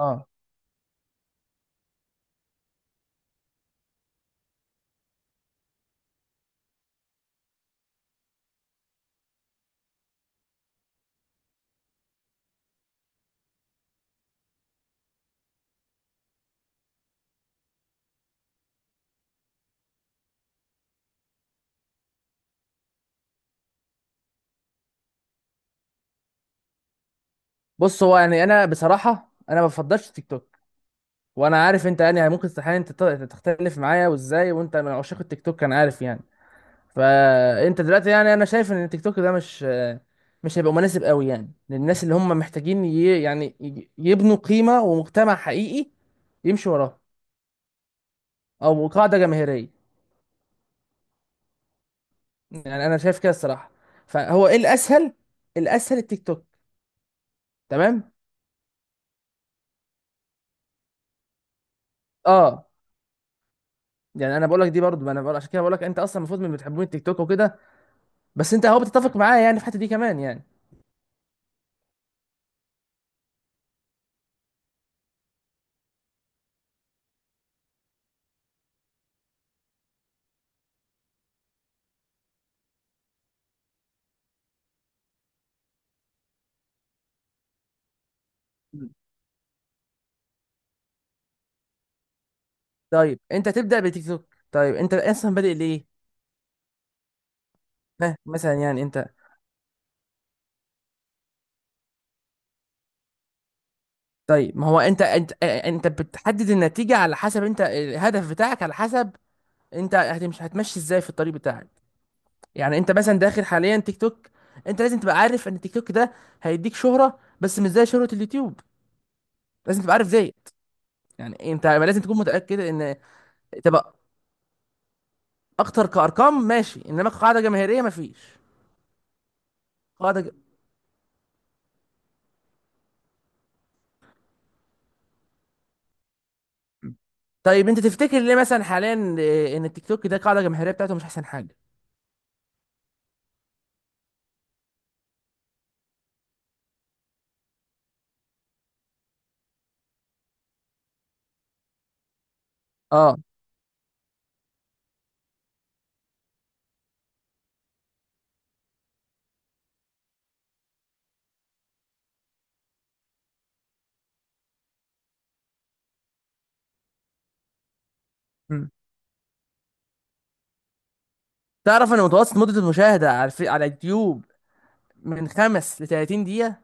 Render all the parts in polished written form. اه بص، هو يعني انا بصراحه انا ما بفضلش تيك توك. وانا عارف انت يعني ممكن استحيل انت تختلف معايا، وازاي وانت من عشاق التيك توك، انا عارف يعني. فانت دلوقتي يعني انا شايف ان التيك توك ده مش هيبقى مناسب قوي يعني للناس اللي هم محتاجين يبنوا قيمه ومجتمع حقيقي يمشي وراه، او قاعده جماهيريه. يعني انا شايف كده الصراحه. فهو ايه الاسهل؟ الاسهل التيك توك. تمام. اه يعني انا بقول لك دي برضو، ما انا بقول عشان كده بقول لك انت اصلا المفروض من بتحبون التيك توك وكده، بس انت اهو بتتفق معايا يعني في الحته دي كمان يعني. مم. طيب انت تبدا بالتيك توك، طيب انت اصلا بادئ ليه؟ ها مثلا يعني انت، طيب ما هو انت انت بتحدد النتيجه على حسب انت الهدف بتاعك، على حسب انت هتمشي ازاي في الطريق بتاعك. يعني انت مثلا داخل حاليا تيك توك، انت لازم تبقى عارف ان التيك توك ده هيديك شهره، بس مش زي شهره اليوتيوب. لازم تبقى عارف زيت. يعني انت لازم تكون متاكد ان تبقى اكتر كارقام، ماشي، انما قاعده جماهيريه مفيش قاعده. طيب انت تفتكر ليه مثلا حاليا ان التيك توك ده القاعده الجماهيريه بتاعته مش احسن حاجه؟ اه. مم. تعرف ان متوسط مده المشاهده على على اليوتيوب من خمس ل 30 دقيقه؟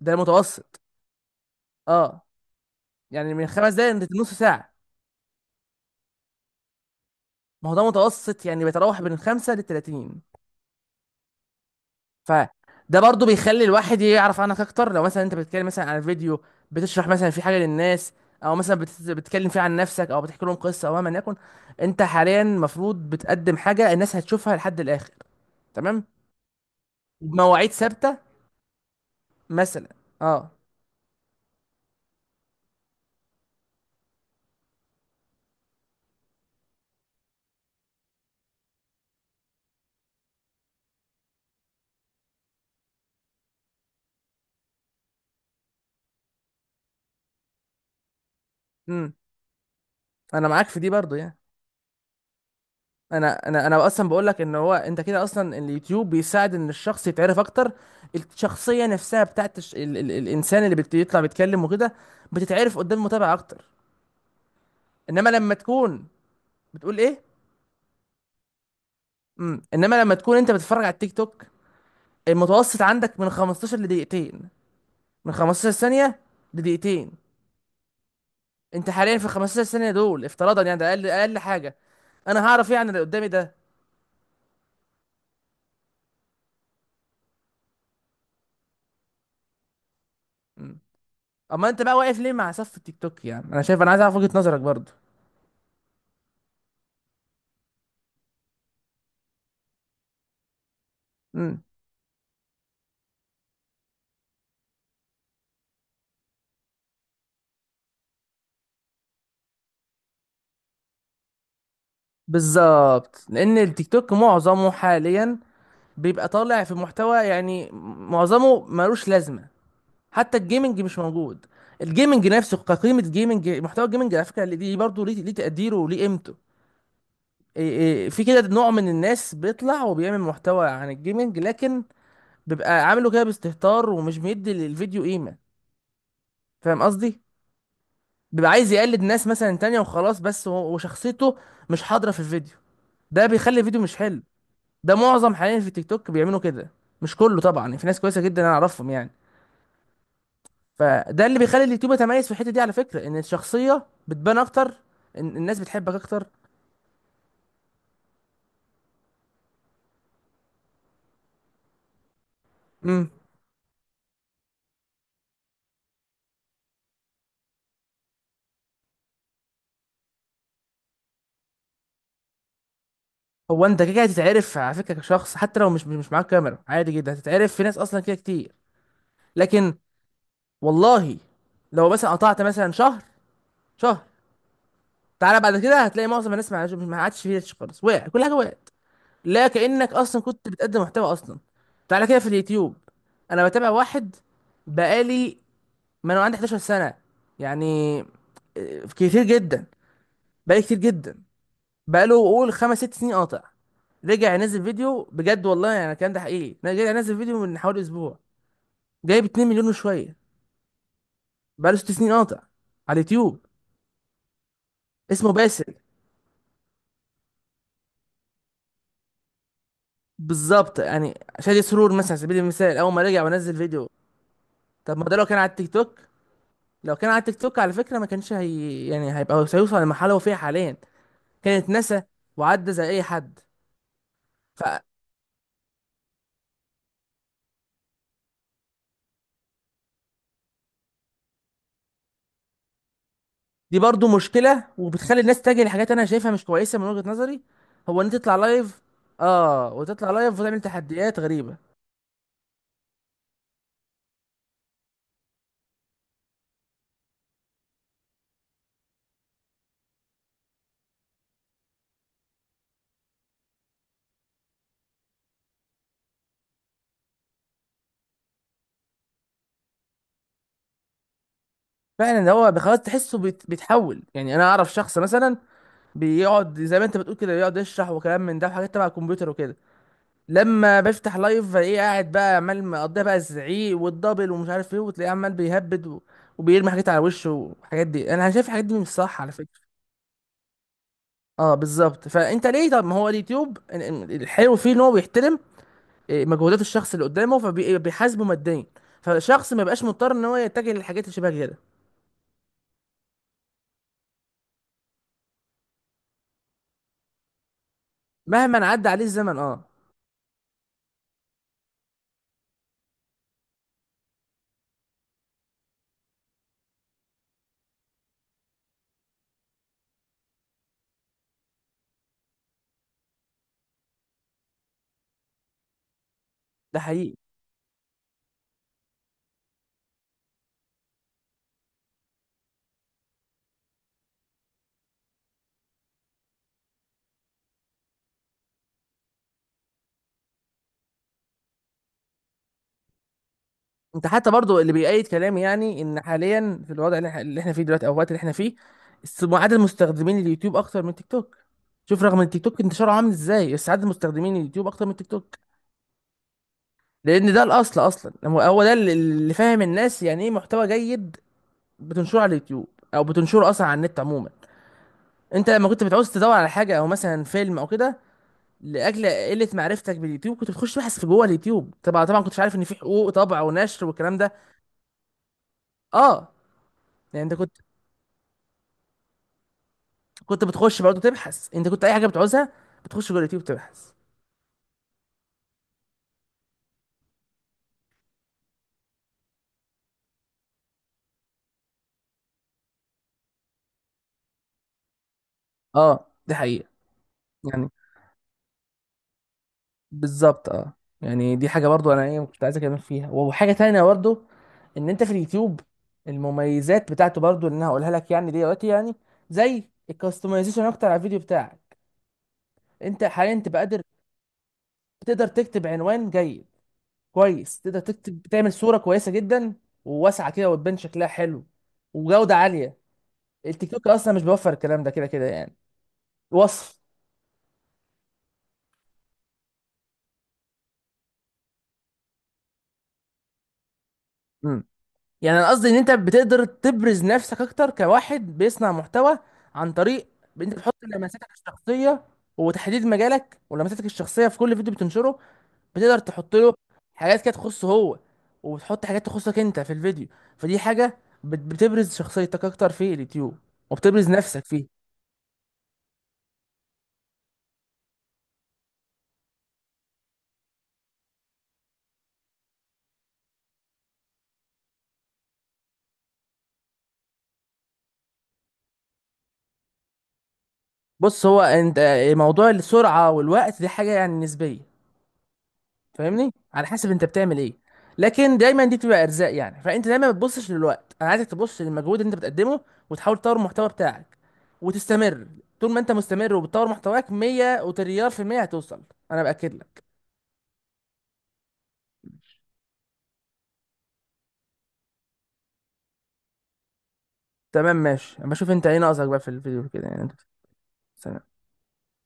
ده المتوسط. اه، يعني من خمس دقايق لنص ساعه. ما هو ده متوسط، يعني بيتراوح بين خمسة ل 30. فده برضو بيخلي الواحد يعرف عنك اكتر. لو مثلا انت بتتكلم مثلا عن فيديو، بتشرح مثلا في حاجه للناس، او مثلا بتتكلم فيه عن نفسك، او بتحكي لهم قصه، او مهما يكن، انت حاليا المفروض بتقدم حاجه الناس هتشوفها لحد الاخر، تمام؟ مواعيد ثابته مثلا. اه. امم، انا معاك في دي برضو يعني. انا اصلا بقول لك ان هو انت كده اصلا اليوتيوب بيساعد ان الشخص يتعرف اكتر. الشخصيه نفسها بتاعت الانسان اللي بيطلع بيتكلم وكده بتتعرف قدام المتابع اكتر. انما لما تكون، بتقول ايه؟ امم، انما لما تكون انت بتتفرج على التيك توك، المتوسط عندك من 15 لدقيقتين، من 15 ثانيه لدقيقتين. انت حاليا في 15 ثانيه دول، افتراضا يعني ده اقل حاجه، انا هعرف ايه عن اللي قدامي ده؟ اما انت بقى واقف ليه مع صف التيك توك؟ يعني انا شايف، انا عايز اعرف وجهة نظرك برضو. امم. بالظبط، لان التيك توك معظمه حاليا بيبقى طالع في محتوى يعني معظمه ملوش لازمه. حتى الجيمنج مش موجود، الجيمنج نفسه كقيمه. جيمنج محتوى الجيمنج على فكره اللي دي برضه ليه تقديره وليه قيمته. إيه في كده نوع من الناس بيطلع وبيعمل محتوى عن الجيمنج، لكن بيبقى عامله كده باستهتار ومش مدي للفيديو قيمه. فاهم قصدي؟ بيبقى عايز يقلد ناس مثلا تانية وخلاص، وشخصيته مش حاضرة في الفيديو، ده بيخلي الفيديو مش حلو. ده معظم حاليا في التيك توك بيعملوا كده، مش كله طبعا، يعني في ناس كويسة جدا انا اعرفهم يعني. فده اللي بيخلي اليوتيوب يتميز في الحتة دي على فكرة، ان الشخصية بتبان اكتر، ان الناس بتحبك اكتر. امم. هو انت كده كده هتتعرف على فكرة كشخص، حتى لو مش معاك كاميرا عادي جدا هتتعرف، في ناس اصلا كده كتير. لكن والله لو مثلا قطعت مثلا شهر، تعالى بعد كده هتلاقي معظم الناس، ما عادش فيه ريتش خالص، وقع كل حاجة وقعت، لا كأنك اصلا كنت بتقدم محتوى اصلا. تعالى كده في اليوتيوب، انا بتابع واحد بقالي، ما انا عندي 11 سنة يعني، كتير جدا، بقالي كتير جدا. بقاله قول خمس ست سنين قاطع، رجع ينزل فيديو بجد، والله يعني الكلام ده حقيقي، انا رجع ينزل فيديو من حوالي اسبوع، جايب 2 مليون وشويه. بقاله ست سنين قاطع على اليوتيوب، اسمه باسل. بالظبط. يعني شادي سرور مثلا على سبيل المثال، اول ما رجع ونزل فيديو، طب ما ده لو كان على التيك توك، لو كان على التيك توك على فكرة ما كانش هي يعني هيبقى، هيوصل للمرحلة اللي هو فيها حاليا؟ كانت نسى وعدى زي أي حد. فدي برضو مشكلة، وبتخلي الناس تتجه لحاجات أنا شايفها مش كويسة من وجهة نظري. هو إن أنت تطلع لايف، آه وتطلع لايف وتعمل تحديات غريبة. فعلا. ده هو خلاص تحسه بيتحول يعني. أنا أعرف شخص مثلا بيقعد زي ما أنت بتقول كده، بيقعد يشرح وكلام من ده وحاجات تبع الكمبيوتر وكده، لما بفتح لايف ايه، قاعد بقى عمال مقضيها بقى الزعيق والدبل ومش عارف ايه، وتلاقيه عمال وبيرمي حاجات على وشه، والحاجات دي انا شايف الحاجات دي مش صح على فكره. اه بالظبط. فانت ليه؟ طب ما هو اليوتيوب الحلو فيه ان هو بيحترم مجهودات الشخص اللي قدامه، فبيحاسبه ماديا، فالشخص ما يبقاش مضطر ان هو يتجه للحاجات اللي شبه كده. مهما عدى عليه الزمن. اه، ده حقيقي. انت حتى برضو اللي بيأيد كلامي، يعني ان حاليا في الوضع اللي احنا، اللي احنا فيه دلوقتي، او الوقت اللي احنا فيه، عدد مستخدمين اليوتيوب اكتر من تيك توك. شوف رغم ان تيك توك انتشاره عامل ازاي، بس عدد مستخدمين اليوتيوب اكتر من تيك توك، لان ده الاصل اصلا. هو هو ده اللي اللي فاهم الناس يعني ايه محتوى جيد بتنشره على اليوتيوب، او بتنشره اصلا على النت عموما. انت لما كنت بتعوز تدور على حاجه، او مثلا فيلم او كده، لاجل قله معرفتك باليوتيوب كنت بتخش تبحث في جوه اليوتيوب. طبعا طبعا كنتش عارف ان في حقوق طبع ونشر والكلام ده. اه. يعني انت كنت بتخش برضه تبحث، انت كنت اي حاجه بتعوزها بتخش جوه اليوتيوب تبحث. اه دي حقيقه. يعني بالظبط اه. يعني دي حاجه برضه انا ايه كنت عايز اتكلم فيها. وحاجه تانية برضه، ان انت في اليوتيوب المميزات بتاعته برضه اللي انا هقولها لك يعني دلوقتي يعني، زي الكاستمايزيشن اكتر على الفيديو بتاعك. انت حاليا تبقى قادر، تقدر تكتب عنوان جيد كويس، تقدر تكتب، تعمل صوره كويسه جدا وواسعه كده وتبان شكلها حلو، وجوده عاليه. التيك توك اصلا مش بيوفر الكلام ده كده كده يعني. وصف يعني، انا قصدي ان انت بتقدر تبرز نفسك اكتر كواحد بيصنع محتوى، عن طريق ان انت تحط لمساتك الشخصيه، وتحديد مجالك ولمساتك الشخصيه في كل فيديو بتنشره، بتقدر تحط له حاجات كده تخصه هو، وتحط حاجات تخصك انت في الفيديو. فدي حاجه بتبرز شخصيتك اكتر في اليوتيوب، وبتبرز نفسك فيه. بص هو انت، موضوع السرعه والوقت دي حاجه يعني نسبيه، فاهمني، على حسب انت بتعمل ايه. لكن دايما دي بتبقى ارزاق يعني، فانت دايما ما بتبصش للوقت، انا عايزك تبص للمجهود اللي انت بتقدمه وتحاول تطور المحتوى بتاعك وتستمر. طول ما انت مستمر وبتطور محتواك 100 وتريار في المية هتوصل، انا باكد لك. تمام ماشي، اما اشوف انت ايه ناقصك بقى في الفيديو كده يعني انت